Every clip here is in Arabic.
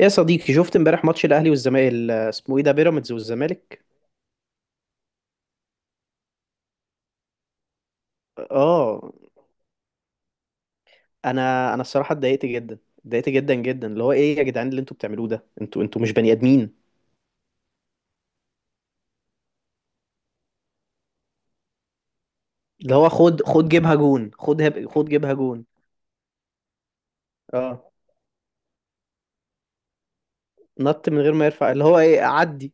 يا صديقي شفت امبارح ماتش الاهلي والزمالك، ال- اسمه ايه ده بيراميدز والزمالك. اه، انا الصراحه اتضايقت جدا، اتضايقت جدا جدا. اللي هو ايه يا جدعان اللي انتوا بتعملوه ده، انتوا مش بني ادمين. اللي هو خد جيبها جون، خد جيبها جون. اه، نط من غير ما يرفع، اللي هو ايه، عدي.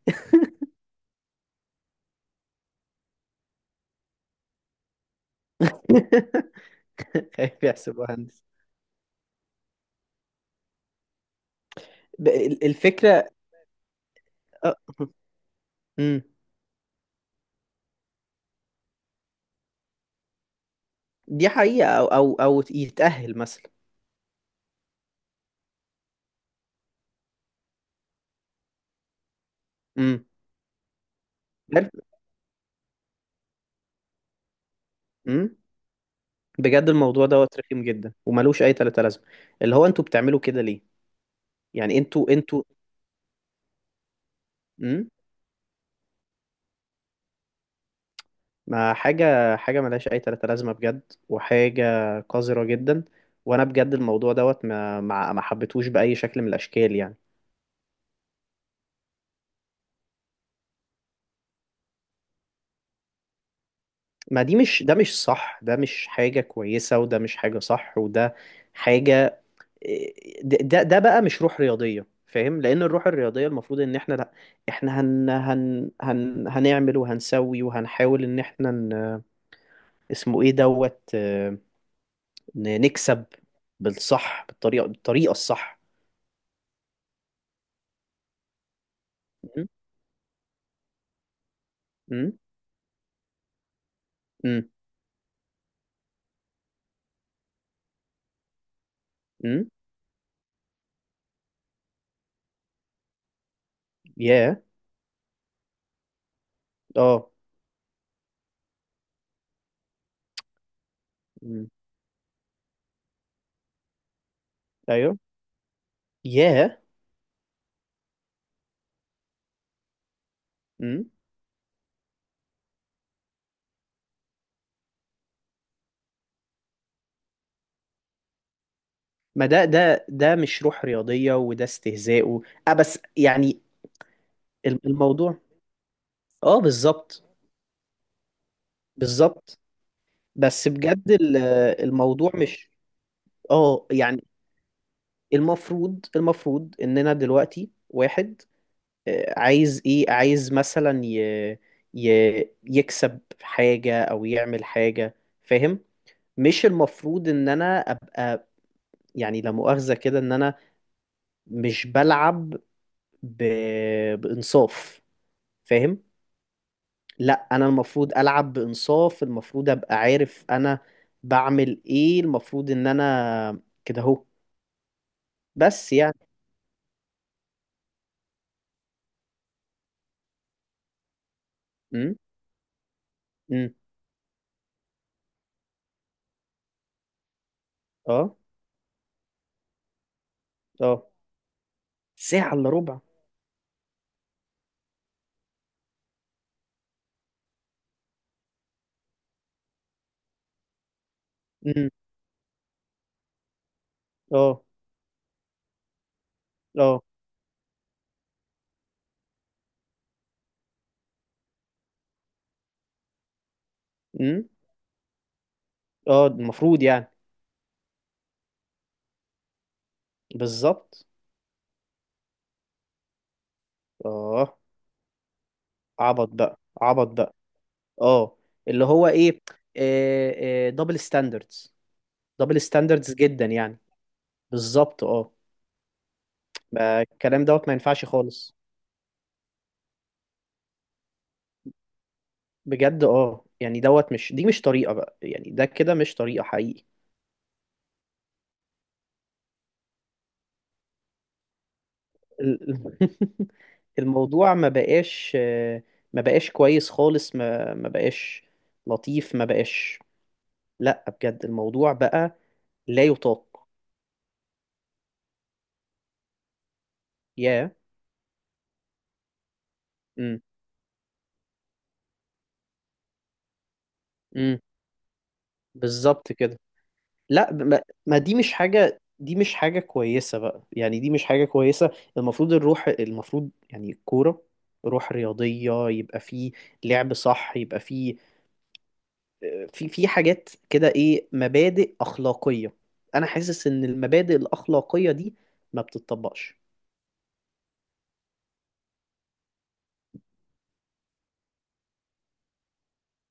خايف يحسب مهندس. الفكره. آه. مم. دي حقيقه، او يتاهل مثلا. امم. امم. بجد الموضوع دوت رخيم جدا وملوش اي تلاته لازمه. اللي هو انتوا بتعملوا كده ليه؟ يعني انتوا. امم. ما حاجه، حاجه ملهاش اي تلاته لازمه بجد. وحاجه قذره جدا. وانا بجد الموضوع دوت ما حبيتهوش باي شكل من الاشكال يعني. ما دي مش، ده مش صح، ده مش حاجه كويسه، وده مش حاجه صح، وده حاجه. ده بقى مش روح رياضيه، فاهم، لان الروح الرياضيه المفروض ان احنا لا. احنا هن هن هن هنعمل وهنسوي وهنحاول ان احنا ن... اسمه ايه دوت، نكسب بالصح، بالطريقة الصح. م- م- م- م- ياه. اه. م- ايوه. ياه. م- ما ده مش روح رياضية وده استهزاء و... اه بس يعني الموضوع، اه بالظبط. بالظبط. بس بجد الموضوع مش، اه يعني. المفروض اننا دلوقتي واحد عايز ايه، عايز مثلا ي... ي... يكسب حاجة او يعمل حاجة، فاهم. مش المفروض ان انا ابقى، يعني لا مؤاخذة كده، ان انا مش بلعب ب... بانصاف، فاهم. لا انا المفروض العب بانصاف، المفروض ابقى عارف انا بعمل ايه، المفروض ان انا كده اهو، بس يعني. امم. امم. اه. اه. ساعة الا ربع. امم. اه. اه. امم. اه المفروض يعني. بالظبط. اه عبط بقى، عبط بقى. اه. اللي هو ايه، دبل ستاندردز. دبل ستاندردز جدا يعني، بالظبط اه. ما الكلام دوت ما ينفعش خالص. بجد اه يعني دوت، مش دي مش طريقة بقى يعني، ده كده مش طريقة حقيقي. ال- الموضوع ما بقاش، ما بقاش كويس خالص. ما بقاش لطيف. ما بقاش. لا بجد الموضوع بقى لا يطاق. يا. امم. امم. بالظبط كده. لا ما دي مش حاجة، دي مش حاجة كويسة بقى يعني، دي مش حاجة كويسة. المفروض الروح، المفروض يعني الكورة روح رياضية يبقى فيه، لعب صح يبقى فيه، في حاجات كده ايه، مبادئ أخلاقية. أنا حاسس إن المبادئ الأخلاقية دي ما بتطبقش.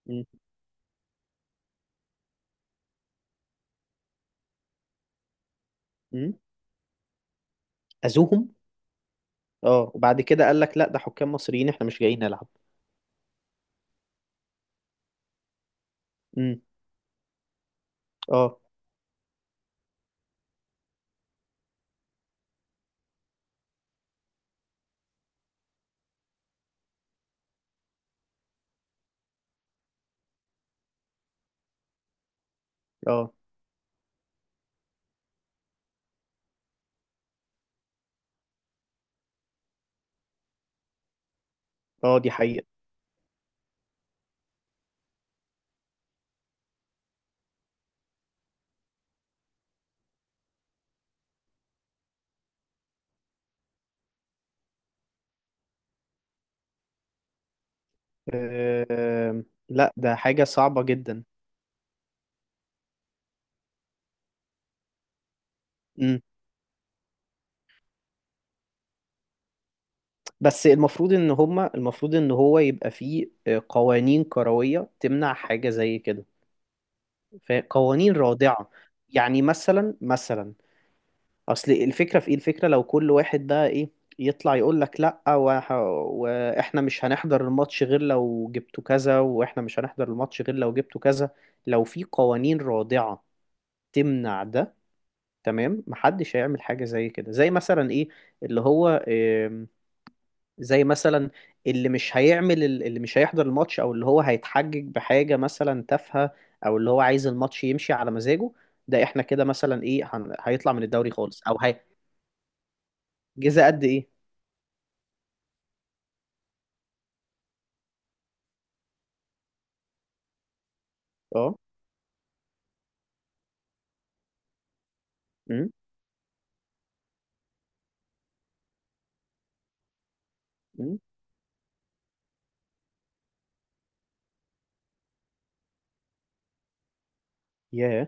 م- م- أذوهم. اه وبعد كده قال لك لا ده حكام مصريين احنا مش جايين نلعب. م- اه. اه. اه دي حقيقة. لا ده حاجة صعبة جدا. بس المفروض ان هما، المفروض ان هو يبقى فيه قوانين كروية تمنع حاجة زي كده، قوانين رادعة. يعني مثلا. اصل الفكرة في ايه، الفكرة لو كل واحد بقى ايه، يطلع يقول لك لا، واحنا مش هنحضر الماتش غير لو جبتوا كذا، واحنا مش هنحضر الماتش غير لو جبتوا كذا. لو في قوانين رادعة تمنع ده، تمام، محدش هيعمل حاجة زي كده. زي مثلا ايه، اللي هو زي مثلا، اللي مش هيعمل، اللي مش هيحضر الماتش، او اللي هو هيتحجج بحاجة مثلا تافهة، او اللي هو عايز الماتش يمشي على مزاجه. ده احنا كده مثلا ايه هيطلع من الدوري خالص او هي، جزاء قد ايه. اه. امم. امم. ياه.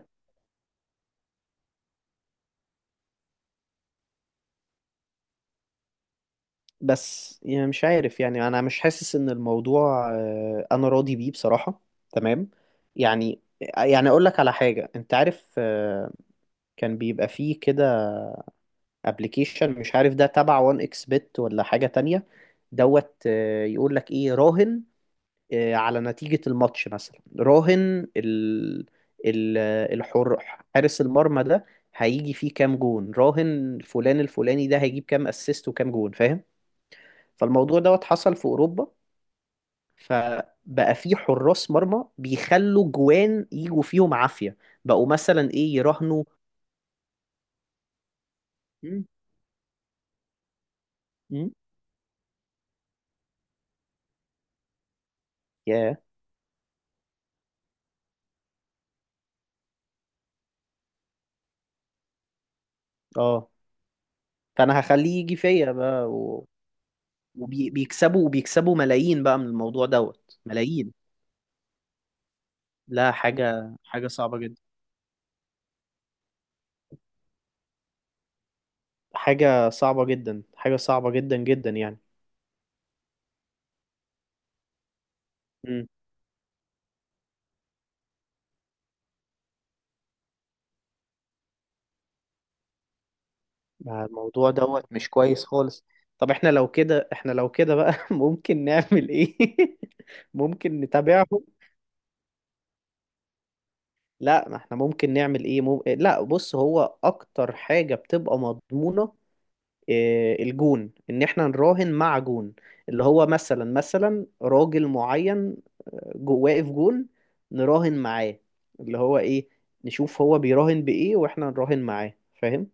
بس يعني مش عارف يعني، انا مش حاسس ان الموضوع انا راضي بيه بصراحة، تمام. يعني يعني اقول لك على حاجة، انت عارف كان بيبقى فيه كده ابلكيشن، مش عارف ده تبع وان اكس بت ولا حاجة تانية، دوت يقول لك ايه، راهن على نتيجة الماتش، مثلا راهن ال ال الحر، حارس المرمى ده هيجي فيه كام جون، راهن فلان الفلاني ده هيجيب كام اسيست وكام جون، فاهم. فالموضوع دوت حصل في اوروبا. فبقى في حراس مرمى بيخلوا جوان يجوا فيهم عافية، بقوا مثلا ايه يراهنوا. مم. مم. ياه. اه. فانا هخليه يجي فيا بقى. وبيكسبوا، وبيكسبوا ملايين بقى من الموضوع دوت، ملايين. لا حاجة، حاجة صعبة جدا، حاجة صعبة جدا، حاجة صعبة جدا جدا يعني. امم. الموضوع دوت مش كويس خالص. طب احنا لو كده، احنا لو كده بقى ممكن نعمل ايه؟ ممكن نتابعهم. لا ما احنا ممكن نعمل ايه، لا بص، هو اكتر حاجة بتبقى مضمونة الجون، ان احنا نراهن مع جون، اللي هو مثلا راجل معين جو واقف جون، نراهن معاه، اللي هو ايه، نشوف هو بيراهن بايه واحنا نراهن معاه، فاهم.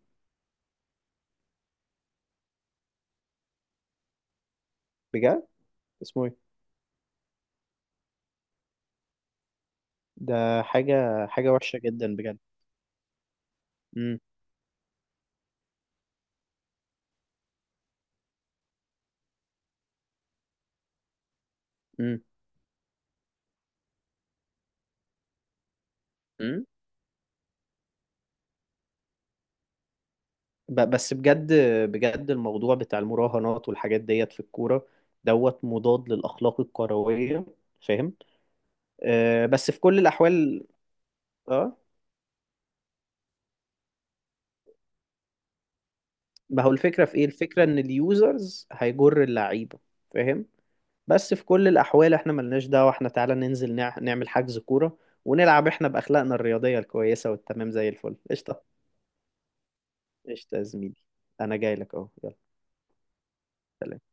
بجد. اسمه ايه. ده حاجة، حاجة وحشة جدا بجد. امم. امم. امم. بس بجد، بجد الموضوع بتاع المراهنات والحاجات ديت في الكورة، دوت مضاد للأخلاق الكروية، فاهم. آه بس في كل الأحوال. اه. ما هو الفكرة في ايه، الفكرة ان اليوزرز هيجر اللعيبة، فاهم. بس في كل الاحوال احنا ملناش دعوة. احنا تعالى ننزل نعمل حجز كورة، ونلعب احنا باخلاقنا الرياضية الكويسة والتمام زي الفل، قشطة. قشطة يا زميلي. انا جاي لك اهو، يلا، سلام.